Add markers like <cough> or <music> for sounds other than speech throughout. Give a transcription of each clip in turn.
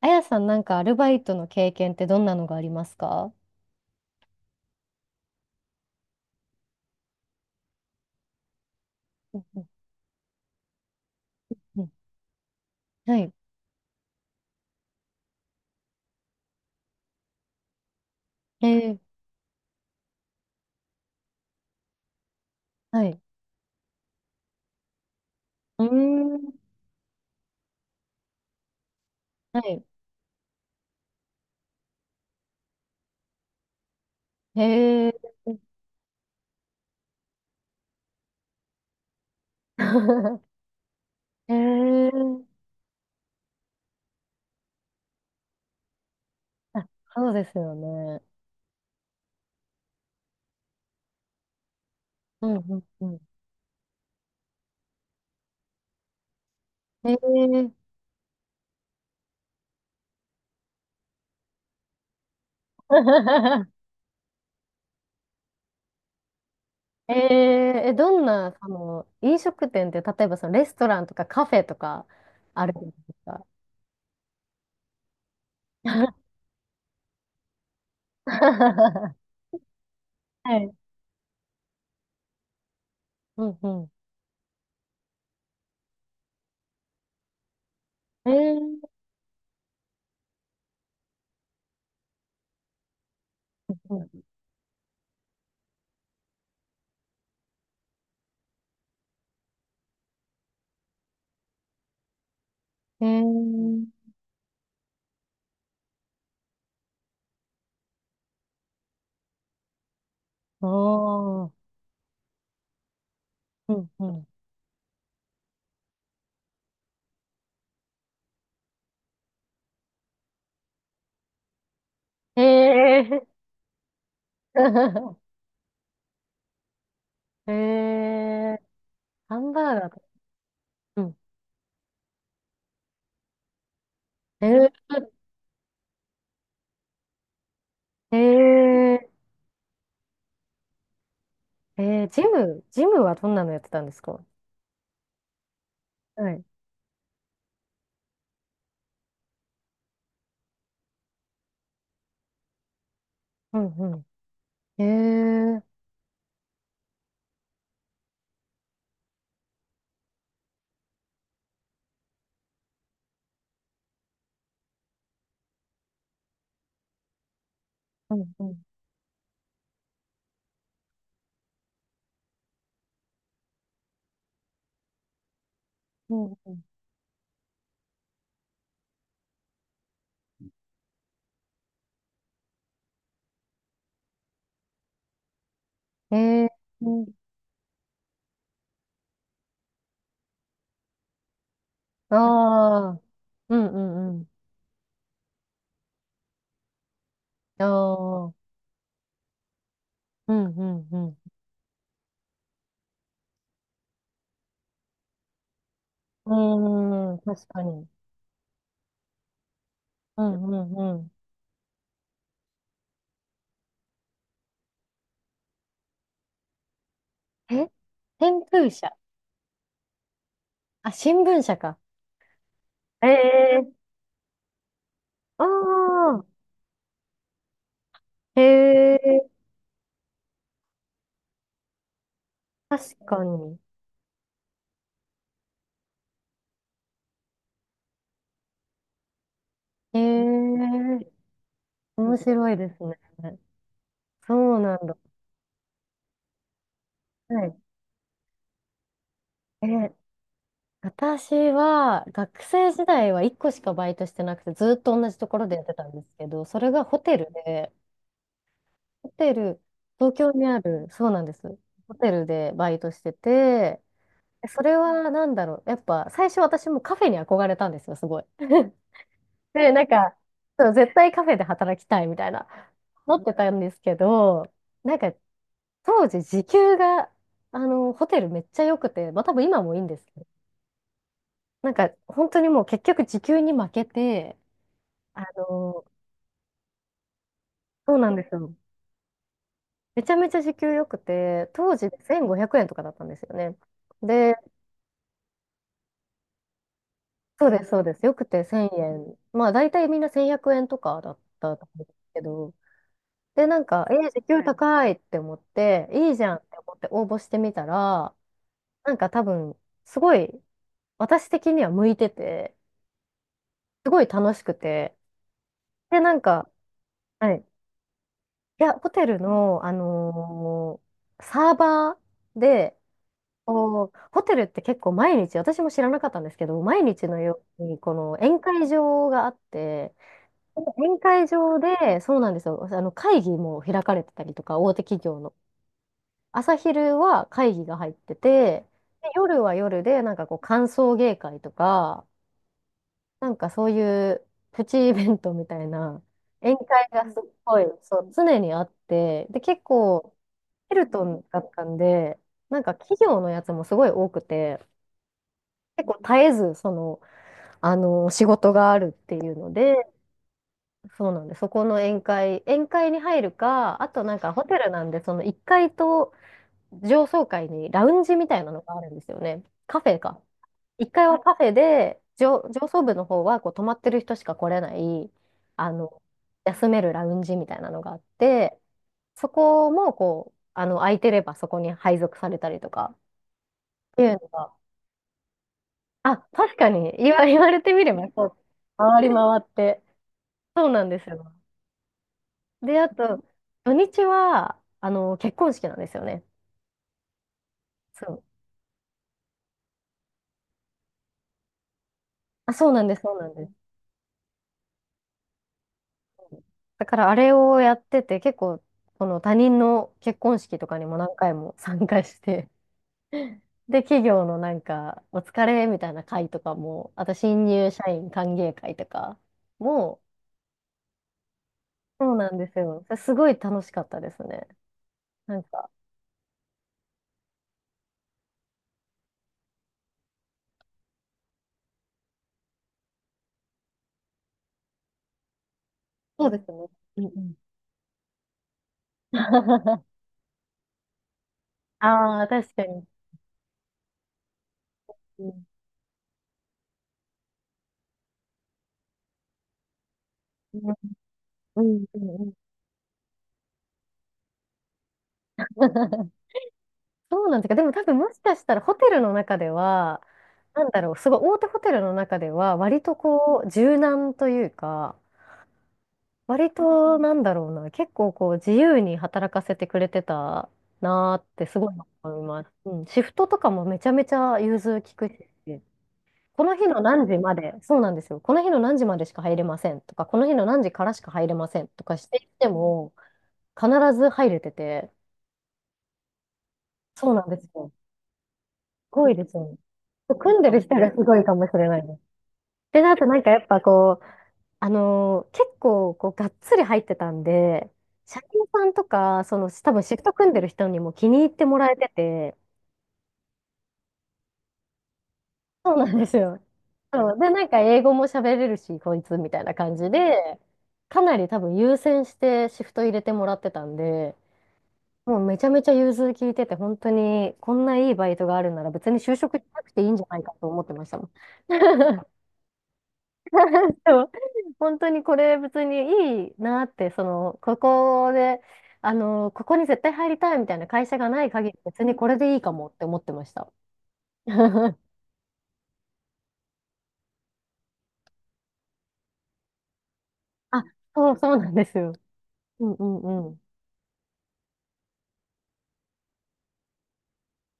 あやさん、なんかアルバイトの経験ってどんなのがありますか？うんうんうんはい。えー、はい。うーん。はい。へえ。<laughs> へえ。あ、そうですよね。うんうんうん。へえ。<laughs> えー、どんな、その、飲食店って、例えばそのレストランとかカフェとかあるんですか？<laughs> はい。うんうん。うんえー、おー。うんうんへえ。<laughs> へえ。ハンバーガーと。うん。へえ。へえ。ジムはどんなのやってたんですか？はい。うんうん。へえ。うんうん。うんうん。へえ。うん。ああ。うんうんうん。ああ。うんうんうん。うーん、確かに。うんうんうん。え天空社。あ、新聞社か。ええ、ああ、へえ、確かに。ええ、面白いですね。そうなんだ。はい。え、私は学生時代は1個しかバイトしてなくて、ずっと同じところでやってたんですけど、それがホテルで、ホテル、東京にある、そうなんです。ホテルでバイトしてて、それはなんだろう。やっぱ最初私もカフェに憧れたんですよ、すごい。<laughs> で、なんか、そう、絶対カフェで働きたいみたいな、思ってたんですけど、なんか当時時給が、ホテルめっちゃ良くて、まあ多分今もいいんですけど、なんか本当にもう結局時給に負けて、あの、そうなんですよ。めちゃめちゃ時給良くて、当時で1500円とかだったんですよね。で、そうです、そうです。よくて1000円。まあ大体みんな1100円とかだったと思うんですけど、で、なんか、時給高いって思って、いいじゃんって思って応募してみたら、なんか多分、すごい、私的には向いてて、すごい楽しくて、で、なんか、はい。いや、ホテルの、サーバーで、こうホテルって結構毎日、私も知らなかったんですけど、毎日のように、この宴会場があって、宴会場で、そうなんですよ、あの会議も開かれてたりとか、大手企業の。朝昼は会議が入ってて、で夜は夜で、なんかこう、歓送迎会とか、なんかそういうプチイベントみたいな宴会がすっごい、そう、常にあって、で、結構ヘルトンだったんで、なんか企業のやつもすごい多くて、結構絶えず、その、仕事があるっていうので、そうなんで、そこの宴会に入るか、あとなんかホテルなんで、その1階と上層階にラウンジみたいなのがあるんですよね。カフェか。一階はカフェで、上層部の方はこう泊まってる人しか来れない、あの、休めるラウンジみたいなのがあって、そこもこう、空いてればそこに配属されたりとかっていうのが、あ、確かに言われてみればそう、回り回って。そうなんですよ。で、あと、土日は、結婚式なんですよね。そう。あ、そうなんです、そうなんです。だからあれをやってて、結構、この他人の結婚式とかにも何回も参加して、<laughs> で、企業のなんか、お疲れみたいな会とかも、あと新入社員歓迎会とかも、そうなんですよ。すごい楽しかったですね。なんか、そうですね。うんうん。<laughs> ああ、確かに。うんうんうんうんうん <laughs> そうなんですか。でも多分もしかしたらホテルの中では、なんだろう、すごい大手ホテルの中では、割とこう、柔軟というか、割となんだろうな、結構こう、自由に働かせてくれてたなーってすごい思います。うん、シフトとかもめちゃめちゃ融通きくし、この日の何時まで、そうなんですよ。この日の何時までしか入れませんとか、この日の何時からしか入れませんとかしていっても、必ず入れてて、そうなんですよ。ごいですよね。組んでる人がすごいかもしれないです。で、あとなんかやっぱこう、結構こうがっつり入ってたんで、社員さんとか、その多分シフト組んでる人にも気に入ってもらえてて、そうなんですよ。そう。で、なんか英語も喋れるし、こいつみたいな感じで、かなり多分優先してシフト入れてもらってたんで、もうめちゃめちゃ融通聞いてて、本当にこんないいバイトがあるなら別に就職しなくていいんじゃないかと思ってましたもん。<laughs> でも、<laughs> 本当にこれ別にいいなって、その、ここで、ここに絶対入りたいみたいな会社がない限り、別にこれでいいかもって思ってました。<laughs> あ、そう、そうなんですよ。うんうんうん。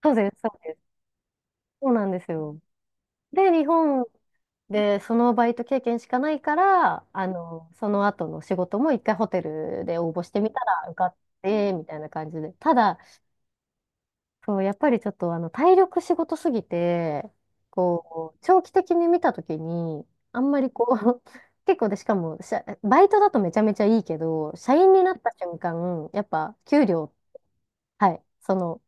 そうです、そうです。そうなんですよ。で、日本でそのバイト経験しかないから、その後の仕事も一回ホテルで応募してみたら受かって、みたいな感じで。ただ、そう、やっぱりちょっと体力仕事すぎて、こう、長期的に見たときに、あんまりこう、<laughs> 結構で、しかも、社バイトだとめちゃめちゃいいけど、社員になった瞬間、やっぱ給料、はい、その、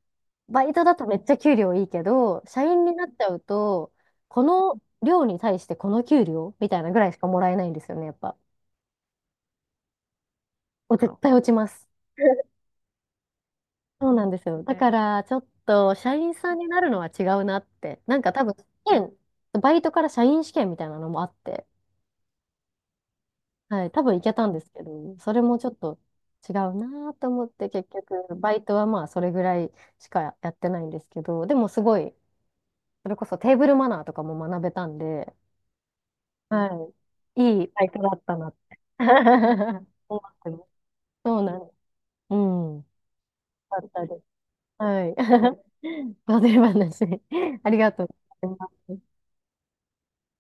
バイトだとめっちゃ給料いいけど、社員になっちゃうと、この量に対してこの給料みたいなぐらいしかもらえないんですよね、やっぱ。絶対落ちます。そうなんですよ。だね。から、ちょっと、社員さんになるのは違うなって。なんか多分、試験、バイトから社員試験みたいなのもあって、はい、多分行けたんですけど、それもちょっと違うなと思って、結局、バイトはまあ、それぐらいしかやってないんですけど、でもすごい、それこそテーブルマナーとかも学べたんで、はい、いいバイトだったなって <laughs> 思ってます。そうなんです。うん。だったりはい。<laughs> 忘れ話。ありがとうございます。